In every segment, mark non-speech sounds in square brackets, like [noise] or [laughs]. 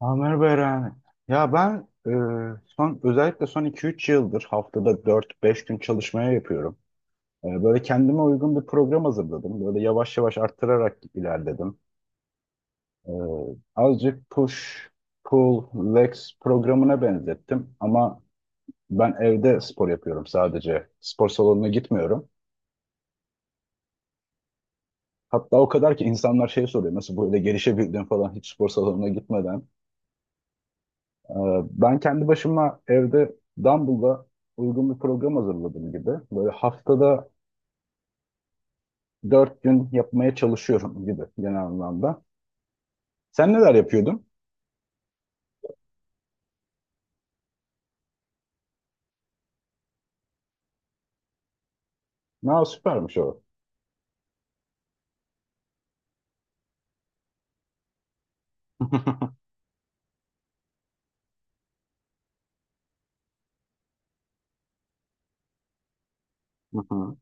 Ha, merhaba. Ya ben son, özellikle son iki üç yıldır, haftada dört beş gün çalışmaya yapıyorum. Böyle kendime uygun bir program hazırladım. Böyle yavaş yavaş arttırarak ilerledim. E, Azıcık push, pull, legs programına benzettim. Ama ben evde spor yapıyorum sadece. Spor salonuna gitmiyorum. Hatta o kadar ki insanlar şey soruyor. Nasıl böyle gelişebildin falan hiç spor salonuna gitmeden. Ee, Ben kendi başıma evde Dumble'da uygun bir program hazırladım gibi. Böyle haftada dört gün yapmaya çalışıyorum gibi genel anlamda. Sen neler yapıyordun? Ha, süpermiş o. [laughs] Hı hı.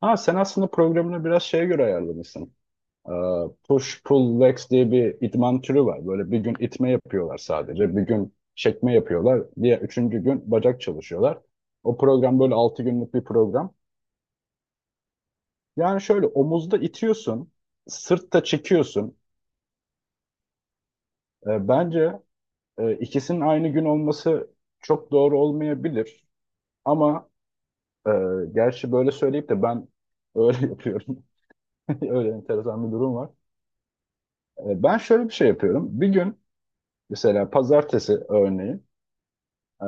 Ha, sen aslında programını biraz şeye göre ayarlamışsın. Ee, Push pull legs diye bir idman türü var. Böyle bir gün itme yapıyorlar sadece. Bir gün çekme yapıyorlar. Diğer üçüncü gün bacak çalışıyorlar. O program böyle altı günlük bir program. Yani şöyle omuzda itiyorsun, sırtta çekiyorsun. Bence ikisinin aynı gün olması çok doğru olmayabilir. Ama e, gerçi böyle söyleyip de ben öyle [laughs] yapıyorum. [laughs] Öyle enteresan bir durum var. Ben şöyle bir şey yapıyorum. Bir gün, mesela pazartesi örneğin, e,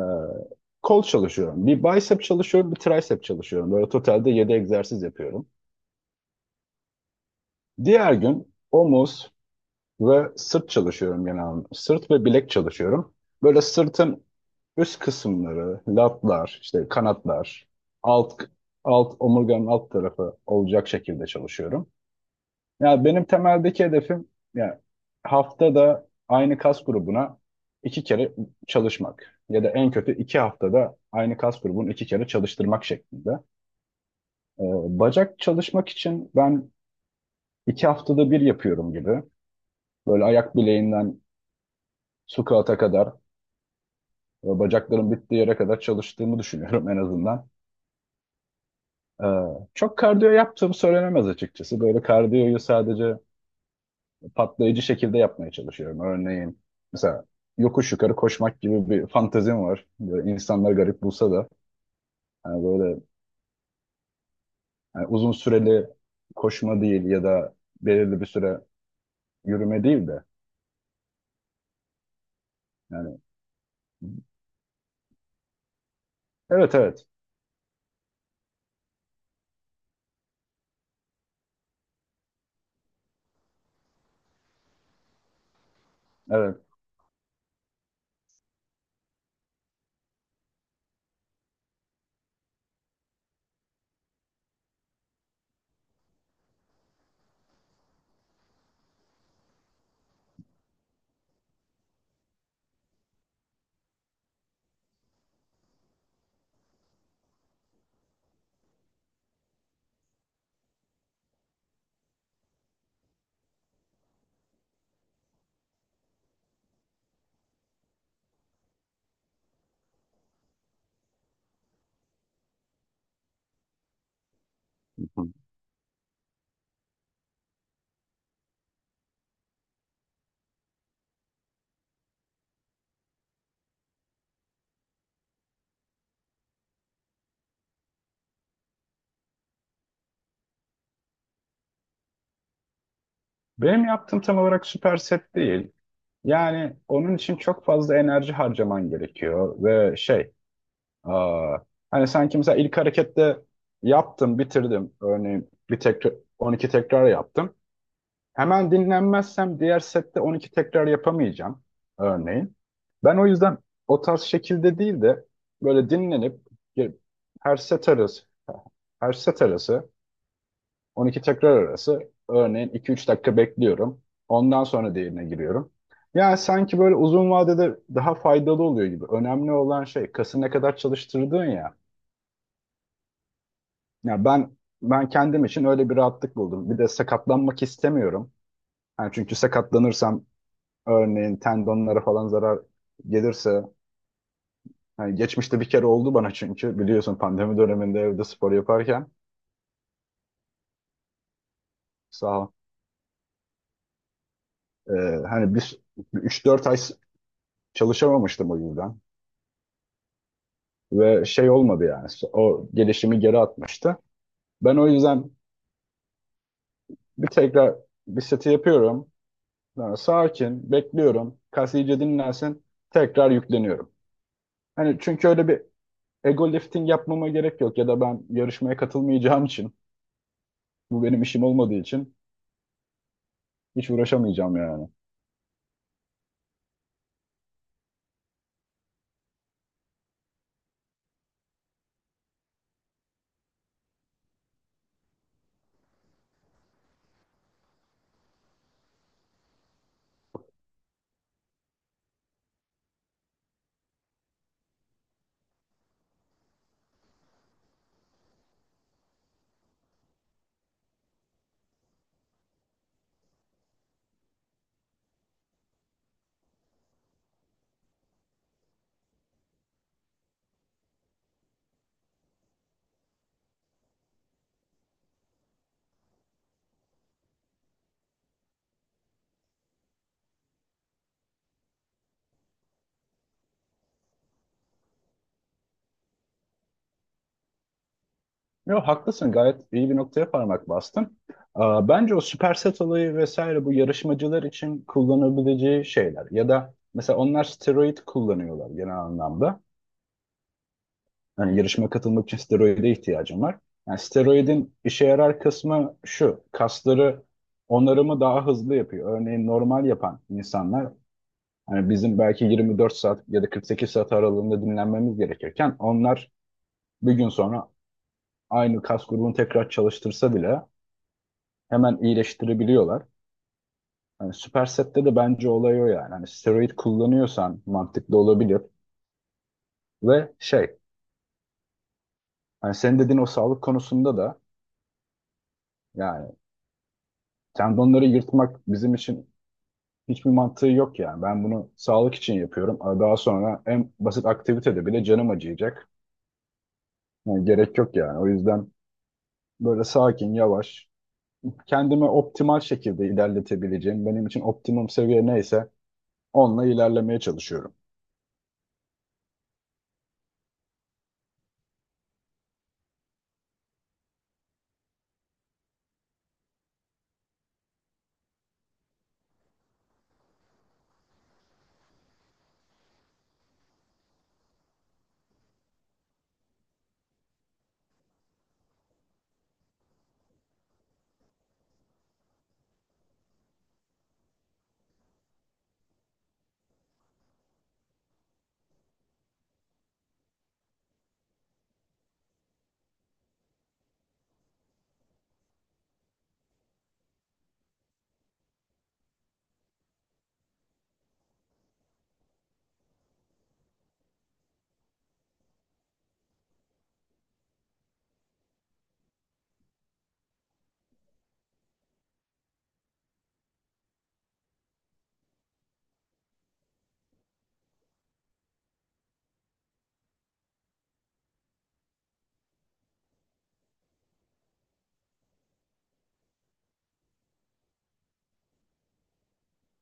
kol çalışıyorum. Bir bicep çalışıyorum, bir tricep çalışıyorum. Böyle totalde 7 egzersiz yapıyorum. Diğer gün omuz ve sırt çalışıyorum genelde. Sırt ve bilek çalışıyorum. Böyle sırtın üst kısımları, latlar, işte kanatlar, alt alt omurganın alt tarafı olacak şekilde çalışıyorum. Yani benim temeldeki hedefim, yani haftada aynı kas grubuna iki kere çalışmak ya da en kötü iki haftada aynı kas grubunu iki kere çalıştırmak şeklinde. Ee, Bacak çalışmak için ben iki haftada bir yapıyorum gibi. Böyle ayak bileğinden squat'a kadar ve bacaklarım bittiği yere kadar çalıştığımı düşünüyorum en azından. Ee, Çok kardiyo yaptığım söylenemez açıkçası. Böyle kardiyoyu sadece patlayıcı şekilde yapmaya çalışıyorum. Örneğin mesela yokuş yukarı koşmak gibi bir fantezim var. Böyle insanlar garip bulsa da, hani böyle, hani uzun süreli koşma değil ya da belirli bir süre yürüme değil de yani evet, evet, evet. Hı hı. Benim yaptığım tam olarak süper set değil. Yani onun için çok fazla enerji harcaman gerekiyor ve şey, Aa, hani sanki mesela ilk harekette yaptım, bitirdim. Örneğin bir tekrar 12 tekrar yaptım. Hemen dinlenmezsem diğer sette 12 tekrar yapamayacağım örneğin. Ben o yüzden o tarz şekilde değil de böyle ge- her set arası her set arası, 12 tekrar arası örneğin 2-3 dakika bekliyorum. Ondan sonra diğerine giriyorum. Yani sanki böyle uzun vadede daha faydalı oluyor gibi. Önemli olan şey, kası ne kadar çalıştırdığın ya. Ya, ben kendim için öyle bir rahatlık buldum. Bir de sakatlanmak istemiyorum. Yani çünkü sakatlanırsam, örneğin tendonlara falan zarar gelirse, hani geçmişte bir kere oldu bana çünkü biliyorsun pandemi döneminde evde spor yaparken. Sağ ol. Ee, Hani bir üç dört ay s- çalışamamıştım o yüzden ve şey olmadı yani, o gelişimi geri atmıştı. Ben o yüzden bir tekrar bir seti yapıyorum. Sonra sakin bekliyorum. Kas iyice dinlensin. Tekrar yükleniyorum. Hani çünkü öyle bir ego lifting yapmama gerek yok ya da ben yarışmaya katılmayacağım için, bu benim işim olmadığı için hiç uğraşamayacağım yani. Yok, haklısın, gayet iyi bir noktaya parmak bastın. Aa, bence o superset olayı vesaire bu yarışmacılar için kullanabileceği şeyler ya da mesela onlar steroid kullanıyorlar genel anlamda. Yani yarışmaya katılmak için steroide ihtiyacım var. Yani steroidin işe yarar kısmı şu, kasları onarımı daha hızlı yapıyor. Örneğin normal yapan insanlar, hani bizim belki 24 saat ya da 48 saat aralığında dinlenmemiz gerekirken, onlar bir gün sonra aynı kas grubunu tekrar çalıştırsa bile hemen iyileştirebiliyorlar. Hani Superset'te de bence olay o yani. Hani steroid kullanıyorsan mantıklı olabilir ve şey, hani senin dediğin o sağlık konusunda da, yani tendonları yırtmak bizim için hiçbir mantığı yok yani. Ben bunu sağlık için yapıyorum. Ama daha sonra en basit aktivitede bile canım acıyacak. Yani gerek yok yani. O yüzden böyle sakin, yavaş kendimi optimal şekilde ilerletebileceğim, benim için optimum seviye neyse onunla ilerlemeye çalışıyorum.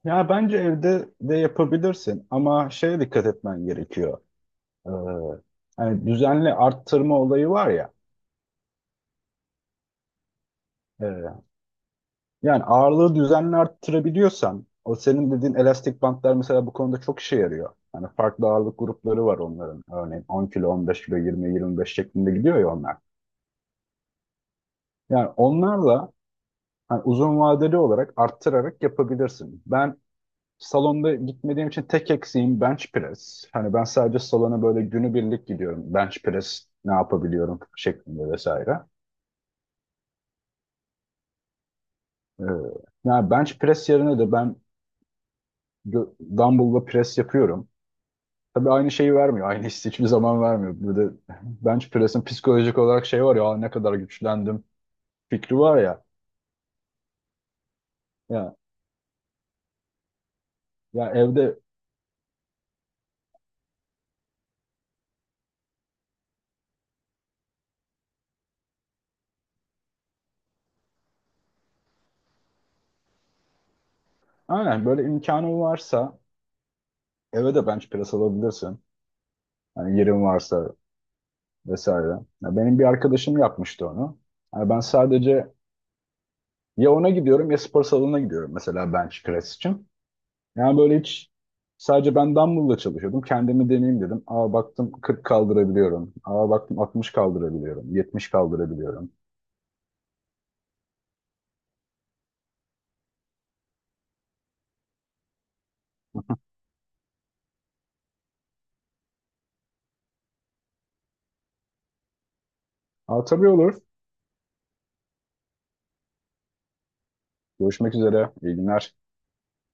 Ya bence evde de yapabilirsin ama şeye dikkat etmen gerekiyor. Ee, Hani düzenli arttırma olayı var ya. e, Yani ağırlığı düzenli arttırabiliyorsan, o senin dediğin elastik bantlar mesela bu konuda çok işe yarıyor. Hani farklı ağırlık grupları var onların. Örneğin 10 kilo, 15 kilo, 20, 25 şeklinde gidiyor ya onlar. Yani onlarla hani uzun vadeli olarak arttırarak yapabilirsin. Ben salonda gitmediğim için tek eksiğim bench press. Hani ben sadece salona böyle günübirlik gidiyorum. Bench press ne yapabiliyorum şeklinde vesaire. Ee, Yani bench press yerine de ben gö- dumbbell'la press yapıyorum. Tabii aynı şeyi vermiyor. Aynı hissi hiçbir zaman vermiyor. Bir de bench press'in psikolojik olarak şey var ya, "Aa, ne kadar güçlendim" fikri var ya. Ya, Ya evde, aynen, böyle imkanın varsa eve de bench press alabilirsin. Yani yerin varsa vesaire. Ya benim bir arkadaşım yapmıştı onu. Yani ben sadece ya ona gidiyorum ya spor salonuna gidiyorum mesela bench press için. Yani böyle hiç, sadece ben dumbbell'la çalışıyordum. Kendimi deneyeyim dedim. Aa, baktım 40 kaldırabiliyorum. Aa, baktım 60 kaldırabiliyorum. 70 kaldırabiliyorum. Aa, tabii olur. Görüşmek üzere. İyi günler.